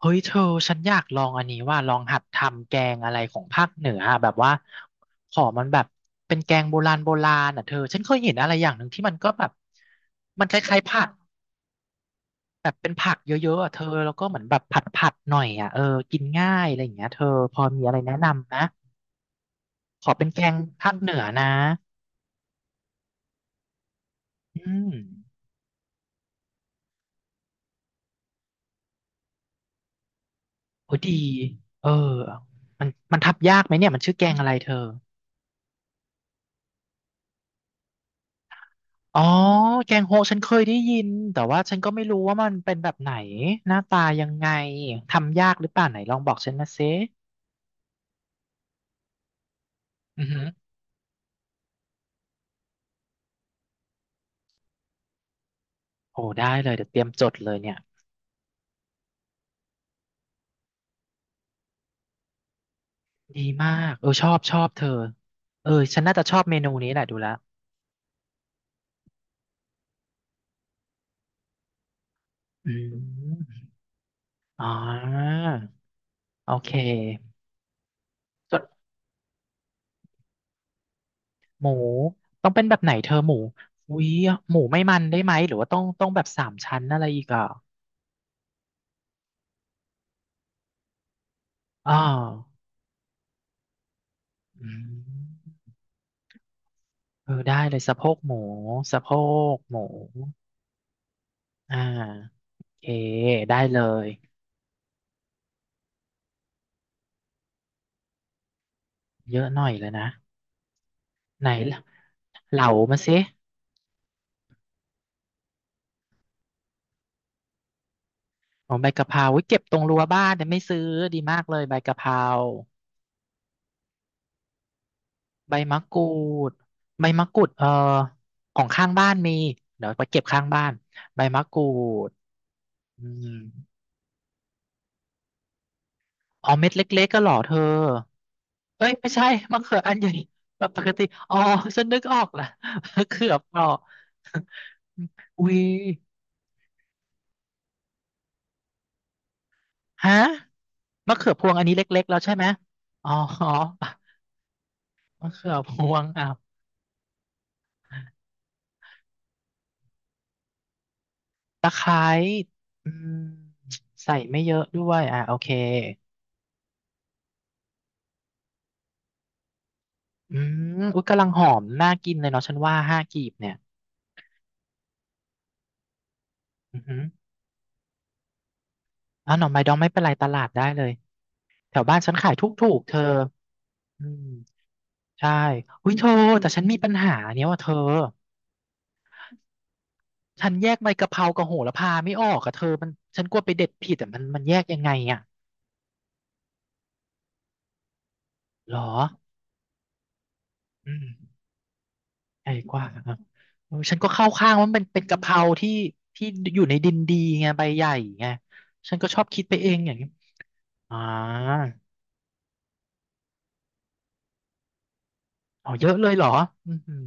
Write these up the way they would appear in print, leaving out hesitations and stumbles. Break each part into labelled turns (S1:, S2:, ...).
S1: เฮ้ยเธอฉันอยากลองอันนี้ว่าลองหัดทำแกงอะไรของภาคเหนืออะแบบว่าขอมันแบบเป็นแกงโบราณโบราณอ่ะเธอฉันเคยเห็นอะไรอย่างหนึ่งที่มันก็แบบมันคล้ายๆผักแบบเป็นผักเยอะๆอ่ะเธอแล้วก็เหมือนแบบผัดๆหน่อยอ่ะเออกินง่ายอะไรอย่างเงี้ยเธอพอมีอะไรแนะนำนะขอเป็นแกงภาคเหนือนะอืมโอ้ดีเออมันมันทบยากไหมเนี่ยมันชื่อแกงอะไรเธอ อ๋อแกงโฮะฉันเคยได้ยินแต่ว่าฉันก็ไม่รู้ว่ามันเป็นแบบไหนหน้าตายังไงทำยากหรือเปล่าไหนลองบอกฉันมาซิอือหือโอ้ได้เลยเดี๋ยวเตรียมจดเลยเนี่ยดีมากเออชอบชอบเธอเออฉันน่าจะชอบเมนูนี้แหละดูแล้วอืมอ๋อโอเคจดหมูต้องเป็นแบบไหนเธอหมูอุ้ยหมูไม่มันได้ไหมหรือว่าต้องแบบสามชั้นอะไรอีกอ่ะอ๋ออืม เออได้เลยสะโพกหมูสะโพกหมูอ่าโอเคได้เลยเยอะหน่อยเลยนะไหนล่ะเหลามาสิอ๋อใบกะเพราอุ๊ยเก็บตรงรั้วบ้านแต่ไม่ซื้อดีมากเลยใบกะเพราใบมะกรูดใบมะกรูดเออของข้างบ้านมีเดี๋ยวไปเก็บข้างบ้านใบมะกรูดอืมอ๋อเม็ดเล็กๆก็เหรอเธอเอ้ยไม่ใช่มะเขืออันใหญ่ปกติอ๋อฉันนึกออกละ มะเขือเปราะ อุ้ย ฮะมะเขือพวงอันนี้เล็กๆแล้วใช่ไหมอ๋อมะเขือพวงอ้าวตะไคร้อืมใส่ไม่เยอะด้วยอ่ะโอเคอืมอุ๊ยกำลังหอมน่ากินเลยเนาะฉันว่าห้ากีบเนี่ยอือหืออ้าวหน่อไม้ดองไม่เป็นไรตลาดได้เลยแถวบ้านฉันขายถูกๆเธออืมใช่อุ้ยเธอแต่ฉันมีปัญหาเนี้ยว่าเธอฉันแยกใบกะเพรากับโหระพาไม่ออกอะเธอมันฉันกลัวไปเด็ดผิดแต่มันแยกยังไงอะหรออืม ใหญ่กว่าครับเออฉันก็เข้าข้างว่ามันเป็นกะเพราที่ที่อยู่ในดินดีไงใบใหญ่ไงฉันก็ชอบคิดไปเองอย่างนี้อ่าอ๋อเยอะเลยเหรออือหือ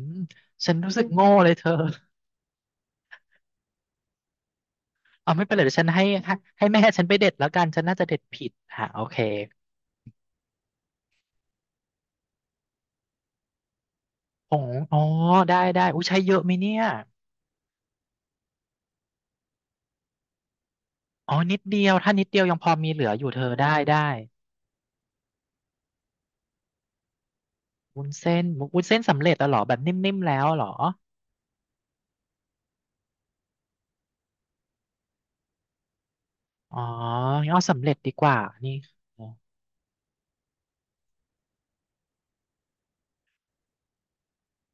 S1: ฉันรู้สึกโง่เลยเธอเอาไม่เป็นไรเดี๋ยวฉันให้แม่ฉันไปเด็ดแล้วกันฉันน่าจะเด็ดผิดฮะโอเคผงอ๋อได้ได้อุ้ยใช้เยอะไหมเนี่ยอ๋อนิดเดียวถ้านิดเดียวยังพอมีเหลืออยู่เธอได้ได้วุ้นเส้นวุ้นเส้นสำเร็จแล้วเหรอแบบนิ่มๆแล้วเหรออ๋องั้นเอาสำเร็จดีกว่านี่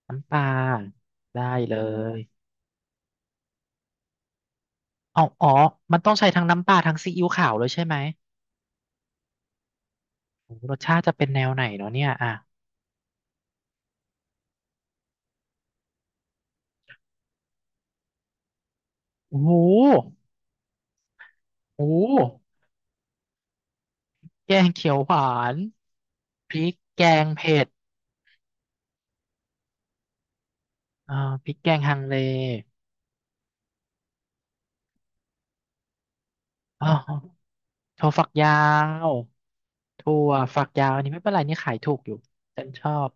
S1: น้ำปลาได้เลยอ๋ออ๋อมันต้องใช้ทั้งน้ำปลาทั้งซีอิ๊วขาวเลยใช่ไหมโอ้โหรสชาติจะเป็นแนวไหนเนาะเนี่ยอ่ะโอ้โหโอ้โหแกงเขียวหวานพริกแกงเผ็ดอ่าพริกแกงฮังเลอ๋อถั่วฝักยาวถั่วฝักยาวอันนี้ไม่เป็นไรนี่ขายถูกอยู่ฉันชอบ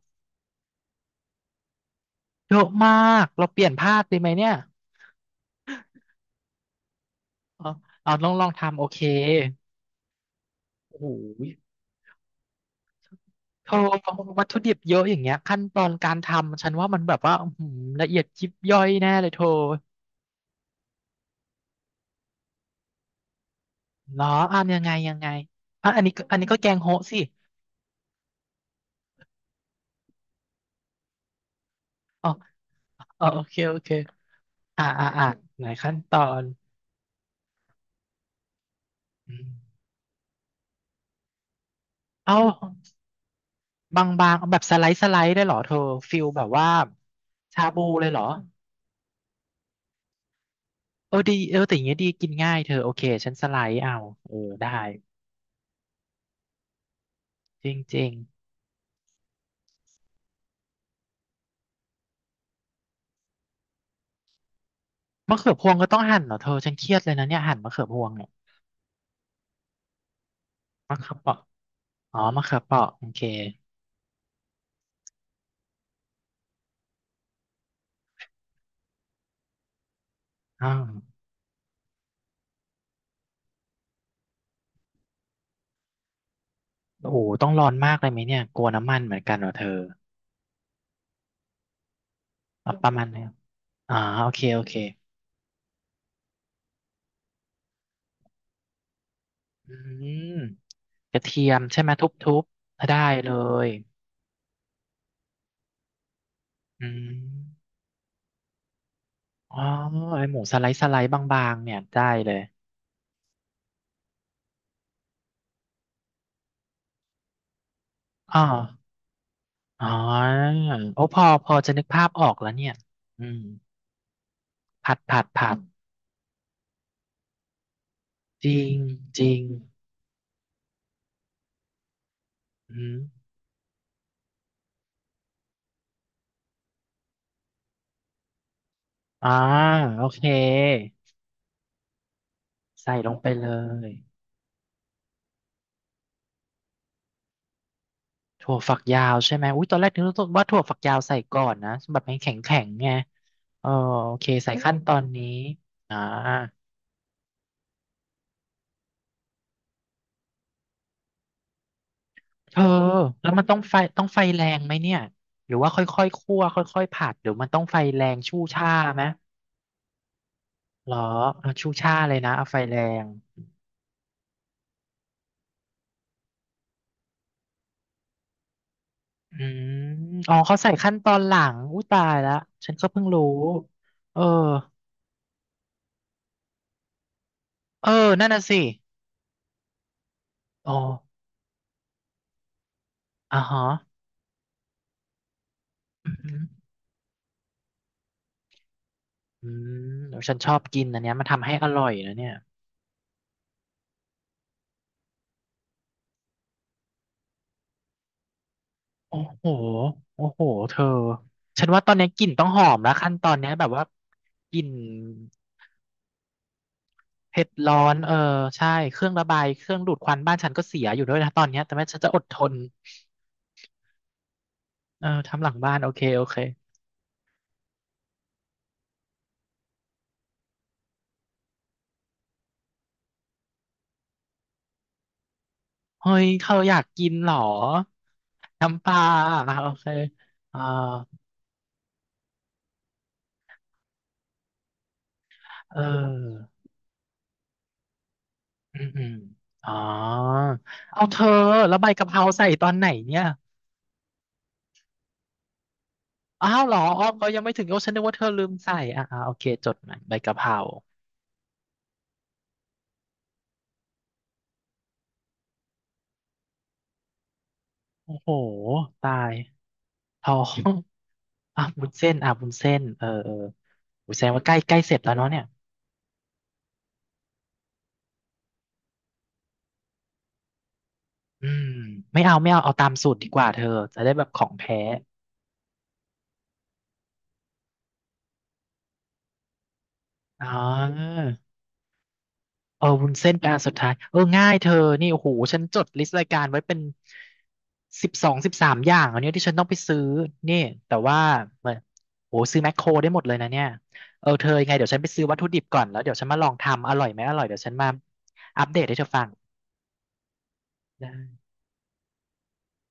S1: เยอะมากเราเปลี่ยนภาพดีไหมเนี่ยเอาเอาลองลองทำโอเคโอ้โห เธอวัตถุดิบเยอะอย่างเงี้ยขั้นตอนการทำฉันว่ามันแบบว่าอื้อหือละเอียดยิบย่อยแน่เลยเธอเหรออ่ะยังไงยังไงอ่ะอันนี้ก็แกงโฮะสิอ๋ออ๋อโอเคโอเคอ่าอ่าอ่าไหนขั้นตอนอืมเอาบางๆเอาแบบสไลด์สไลด์ได้เหรอเธอฟิลแบบว่าชาบูเลยเหรอเออดีเออแต่อย่างเงี้ยดีกินง่ายเธอโอเคฉันสไลด์เอาเออได้จริงๆมะเขือพวงก็ต้องหั่นเหรอเธอฉันเครียดเลยนะเนี่ยหั่นมะเขือพวงเนี่ยมะเขือเปราะ อ๋อมะเขือเปราะโอเคอ้าวโอ้โหต้องร้อนมากเลยไหมเนี่ยกลัวน้ำมันเหมือนกันเหรอเธอเอาประมาณนี้อ๋อโอเคโอเคอืมกระเทียมใช่ไหมทุบๆถ้าได้เลยอืมอ๋อไอหมูสไลด์สไลด์บางๆเนี่ยได้เลยอ๋ออ๋อโอ้พอจะนึกภาพออกแล้วเนี่ยอืมผัดผัดผัดจริงจริงอืมอ่าโอเคใส่ลงไปเลย ถั่วฝักยาวใช่ไหมอุ้ยตอนแรกนึกว่าถั่วฝักยาวใส่ก่อนนะแบบมันแข็งแข็งไงเออโอเคใส่ขั้นตอนนี้อ่าเธอแล้วมันต้องไฟต้องไฟแรงไหมเนี่ยหรือว่าค่อยๆคั่วค่อยๆผัดหรือมันต้องไฟแรงชู่ช่าไหมเหรอเอาชู่ช่าเลยนะเอาไฟแรงอืมอ๋อเขาใส่ขั้นตอนหลังอุ้ยตายแล้วฉันก็เพิ่งรู้เออเออนั่นน่ะสิอ๋ออ่าฮะอืมอืออืมเดี๋ยวฉันชอบกินอันเนี้ยมันทำให้อร่อยนะเนี่ย โอ้โหโอ้โหเธอฉันว่าตอนนี้กลิ่นต้องหอมแล้วขั้นตอนเนี้ยแบบว่ากลิ่นเผ็ดร้อนเออใช่เครื่องระบายเครื่องดูดควันบ้านฉันก็เสียอยู่ด้วยนะตอนเนี้ยแต่แม่ฉันจะอดทนเออทำหลังบ้านโอเคโอเคเฮ้ยเธออยากกินเหรอน้ำปลาอ่ะโอเคอ่าเอออืมอืมอ๋อเอาเธอแล้วใบกะเพราใส่ตอนไหนเนี่ยอ้าวเหรออ๋อเขายังไม่ถึงโอ้ฉันนึกว่าเธอลืมใส่ออ่าโอเคจดหมายใบกะเพรา โหตาย ท้องอ่ะวุ้นเส้นอ่ะวุ้นเส้นเออเออวุ้นเส้นว่าใกล้ใกล้เสร็จแล้วเนาะเนี่ยอืมไม่เอาไม่เอาเอาตามสูตรดีกว่าเธอจะได้แบบของแท้อ๋อเออวุ้นเส้นเป็นอันสุดท้ายเออง่ายเธอนี่โอ้โหฉันจดลิสต์รายการไว้เป็น12-13อย่างอันเนี้ยที่ฉันต้องไปซื้อนี่แต่ว่าเหมือนโอ้โหซื้อแมคโครได้หมดเลยนะเนี่ยเออเธอยังไงเดี๋ยวฉันไปซื้อวัตถุดิบก่อนแล้วเดี๋ยวฉันมาลองทำอร่อยไหมอร่อยเดี๋ยวฉันมาอัปเดตให้เธอฟังได้